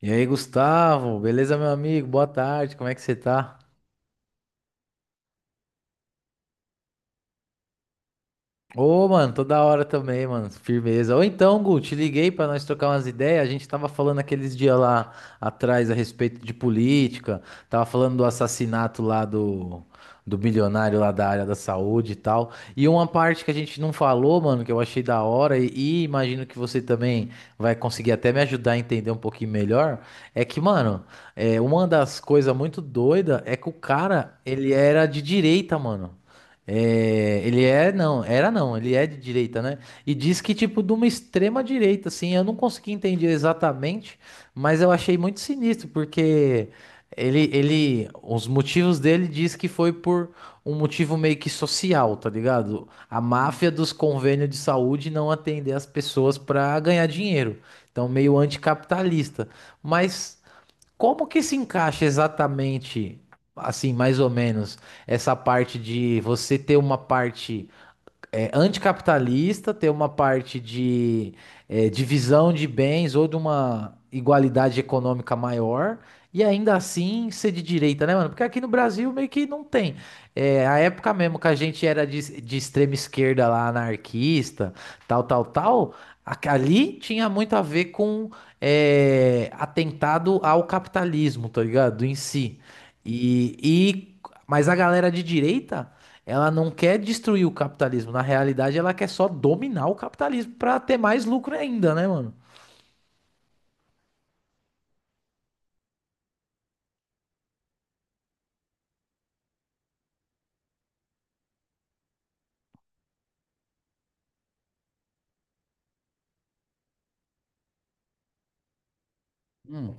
E aí, Gustavo, beleza, meu amigo? Boa tarde, como é que você tá? Ô, mano, toda hora também, mano. Firmeza. Ou então, Gu, te liguei pra nós trocar umas ideias. A gente tava falando aqueles dias lá atrás a respeito de política. Tava falando do assassinato lá do bilionário lá da área da saúde e tal. E uma parte que a gente não falou, mano, que eu achei da hora e imagino que você também vai conseguir até me ajudar a entender um pouquinho melhor, é que, mano, é, uma das coisas muito doida é que o cara, ele era de direita, mano. É, ele é, não, era não, ele é de direita, né? E diz que, tipo, de uma extrema direita, assim, eu não consegui entender exatamente, mas eu achei muito sinistro, porque os motivos dele diz que foi por um motivo meio que social, tá ligado? A máfia dos convênios de saúde não atender as pessoas pra ganhar dinheiro, então meio anticapitalista. Mas como que se encaixa exatamente, assim, mais ou menos, essa parte de você ter uma parte é, anticapitalista, ter uma parte de é, divisão de bens ou de uma igualdade econômica maior, e ainda assim ser de direita, né, mano? Porque aqui no Brasil meio que não tem. É, a época mesmo que a gente era de extrema esquerda lá, anarquista, tal, tal, tal, ali tinha muito a ver com é, atentado ao capitalismo, tá ligado? Em si. E, e, mas a galera de direita. Ela não quer destruir o capitalismo. Na realidade, ela quer só dominar o capitalismo pra ter mais lucro ainda, né, mano? Hum,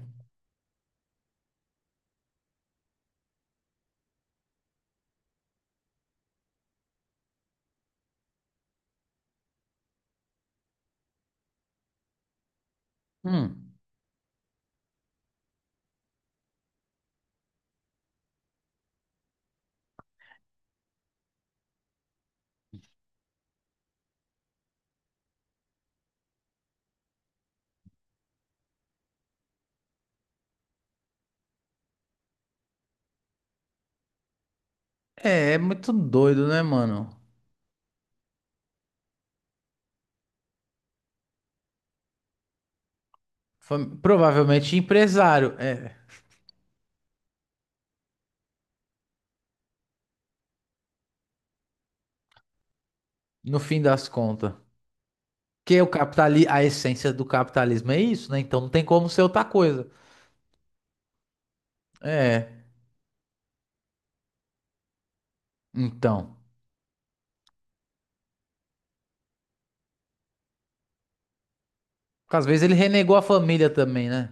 hum. É, é muito doido, né, mano? Foi provavelmente empresário, é, no fim das contas. Porque o capitali a essência do capitalismo é isso, né? Então não tem como ser outra coisa. É, então. Porque às vezes ele renegou a família também, né?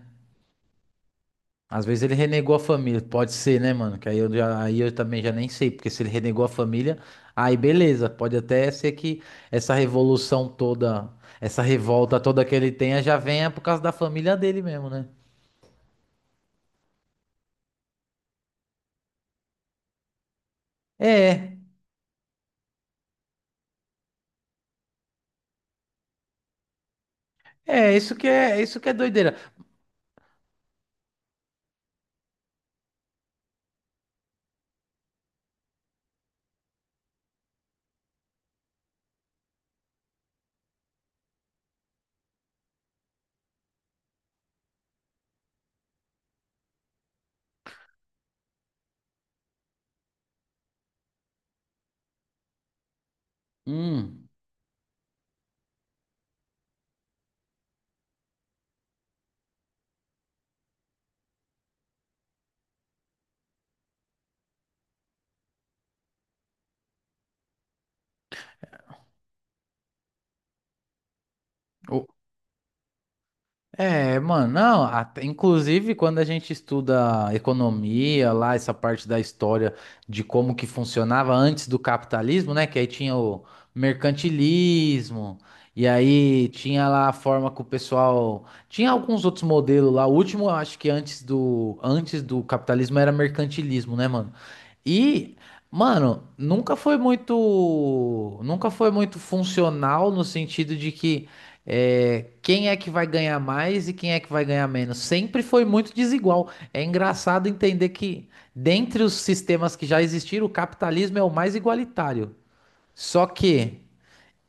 Às vezes ele renegou a família, pode ser, né, mano? Que aí eu, aí eu também já nem sei, porque se ele renegou a família, aí beleza, pode até ser que essa revolução toda, essa revolta toda que ele tenha já venha por causa da família dele mesmo, né? É, isso que é doideira. Hum, o, é, mano, não, inclusive quando a gente estuda economia lá, essa parte da história de como que funcionava antes do capitalismo, né? Que aí tinha o mercantilismo, e aí tinha lá a forma que o pessoal. Tinha alguns outros modelos lá. O último, eu acho que antes antes do capitalismo era mercantilismo, né, mano? E, mano, nunca foi muito funcional no sentido de que é, quem é que vai ganhar mais e quem é que vai ganhar menos. Sempre foi muito desigual. É engraçado entender que, dentre os sistemas que já existiram, o capitalismo é o mais igualitário. Só que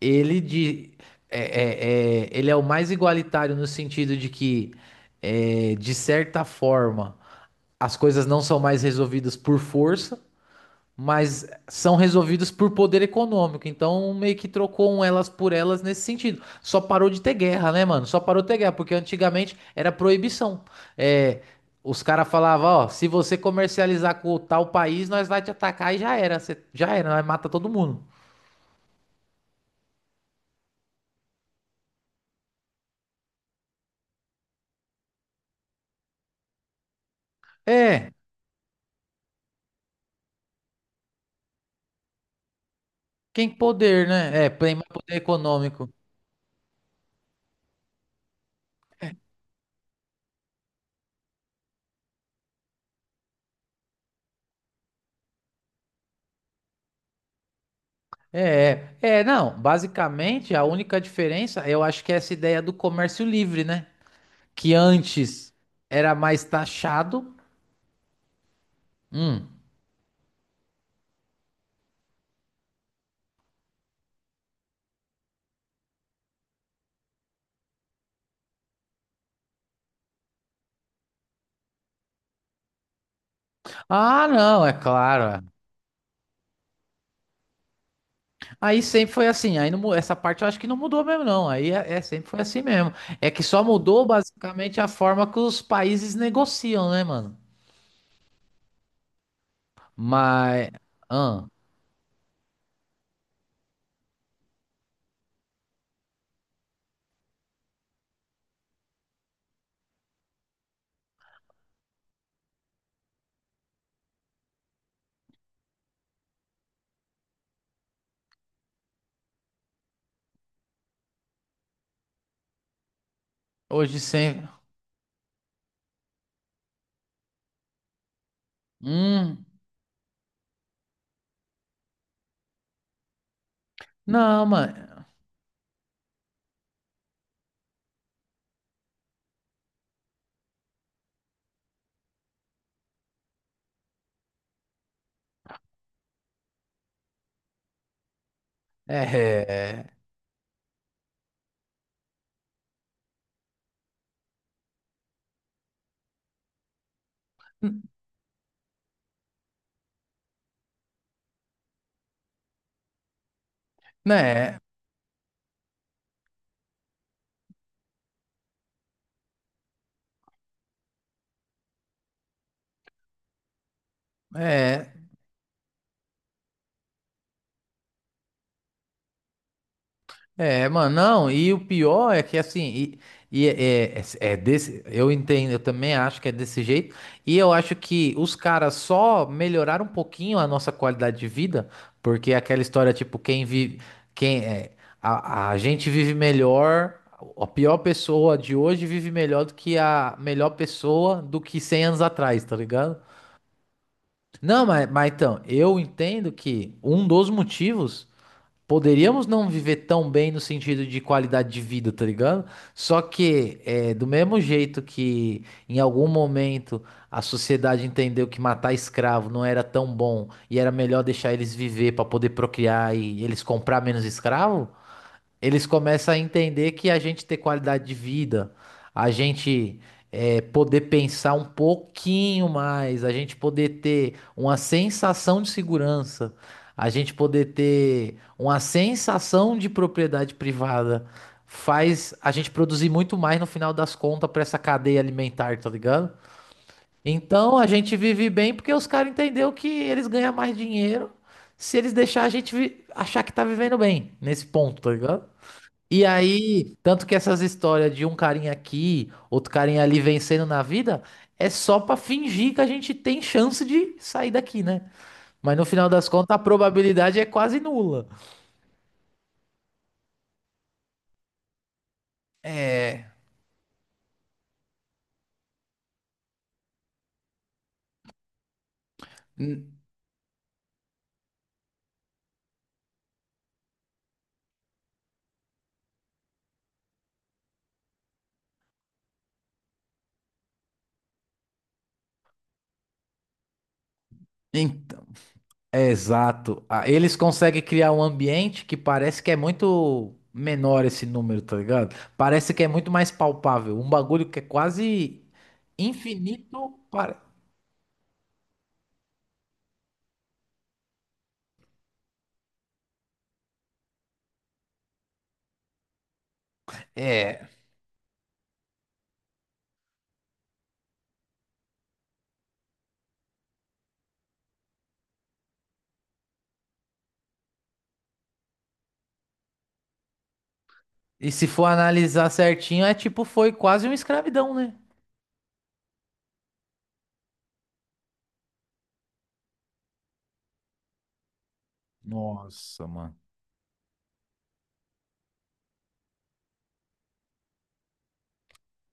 ele de, é, é, é- ele é o mais igualitário no sentido de que, é, de certa forma, as coisas não são mais resolvidas por força, mas são resolvidos por poder econômico. Então, meio que trocou um elas por elas nesse sentido. Só parou de ter guerra, né, mano? Só parou de ter guerra, porque antigamente era proibição. É, os caras falavam, ó, se você comercializar com tal país, nós vai te atacar e já era. Você, já era, nós mata todo mundo. É, quem poder, né? É, tem mais poder econômico. É, É, não, basicamente a única diferença, eu acho que é essa ideia do comércio livre, né? Que antes era mais taxado. Hum. Ah, não, é claro. É. Aí sempre foi assim. Aí não mu- essa parte eu acho que não mudou mesmo, não. Aí sempre foi assim mesmo. É que só mudou basicamente a forma que os países negociam, né, mano? Mas ah, hoje sempre. Hum, não, mano. É, é, né? É. É. É, mano, não, e o pior é que assim, e é, é- é desse, eu entendo, eu também acho que é desse jeito, e eu acho que os caras só melhoraram um pouquinho a nossa qualidade de vida, porque é aquela história, tipo, quem vive, quem é, a gente vive melhor, a pior pessoa de hoje vive melhor do que a melhor pessoa do que 100 anos atrás, tá ligado? Não, mas então, eu entendo que um dos motivos. Poderíamos não viver tão bem no sentido de qualidade de vida, tá ligado? Só que, é, do mesmo jeito que em algum momento a sociedade entendeu que matar escravo não era tão bom e era melhor deixar eles viver para poder procriar e eles comprar menos escravo, eles começam a entender que a gente ter qualidade de vida, a gente eh, poder pensar um pouquinho mais, a gente poder ter uma sensação de segurança, a gente poder ter uma sensação de propriedade privada, faz a gente produzir muito mais no final das contas para essa cadeia alimentar, tá ligado? Então a gente vive bem porque os caras entenderam que eles ganham mais dinheiro se eles deixar a gente achar que tá vivendo bem nesse ponto, tá ligado? E aí, tanto que essas histórias de um carinha aqui, outro carinha ali vencendo na vida, é só pra fingir que a gente tem chance de sair daqui, né? Mas no final das contas, a probabilidade é quase nula. É, n- então, é exato. Ah, eles conseguem criar um ambiente que parece que é muito menor esse número, tá ligado? Parece que é muito mais palpável. Um bagulho que é quase infinito para. É. E se for analisar certinho, é tipo, foi quase uma escravidão, né? Nossa, mano.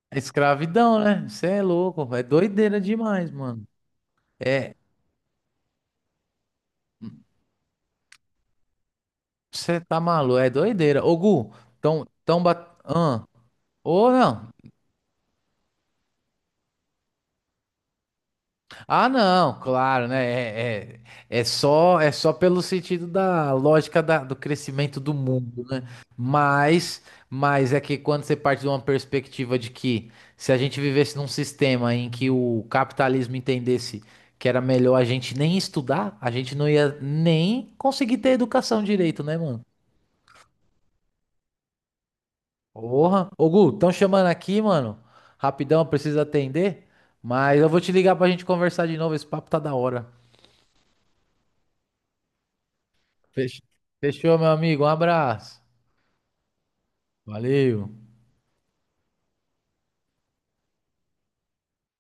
É escravidão, né? Você é louco, é doideira demais, mano. É, você tá maluco, é doideira. Ô, Gu, tão, tão bat... ah, ou não, ah, não, claro, né? É, é, é só pelo sentido da lógica do crescimento do mundo, né? Mas, mas é que quando você parte de uma perspectiva de que se a gente vivesse num sistema em que o capitalismo entendesse que era melhor a gente nem estudar, a gente não ia nem conseguir ter educação direito, né, mano? Porra. Ô, Gu, estão chamando aqui, mano. Rapidão, preciso atender. Mas eu vou te ligar pra gente conversar de novo. Esse papo tá da hora. Fech- Fechou, meu amigo. Um abraço. Valeu.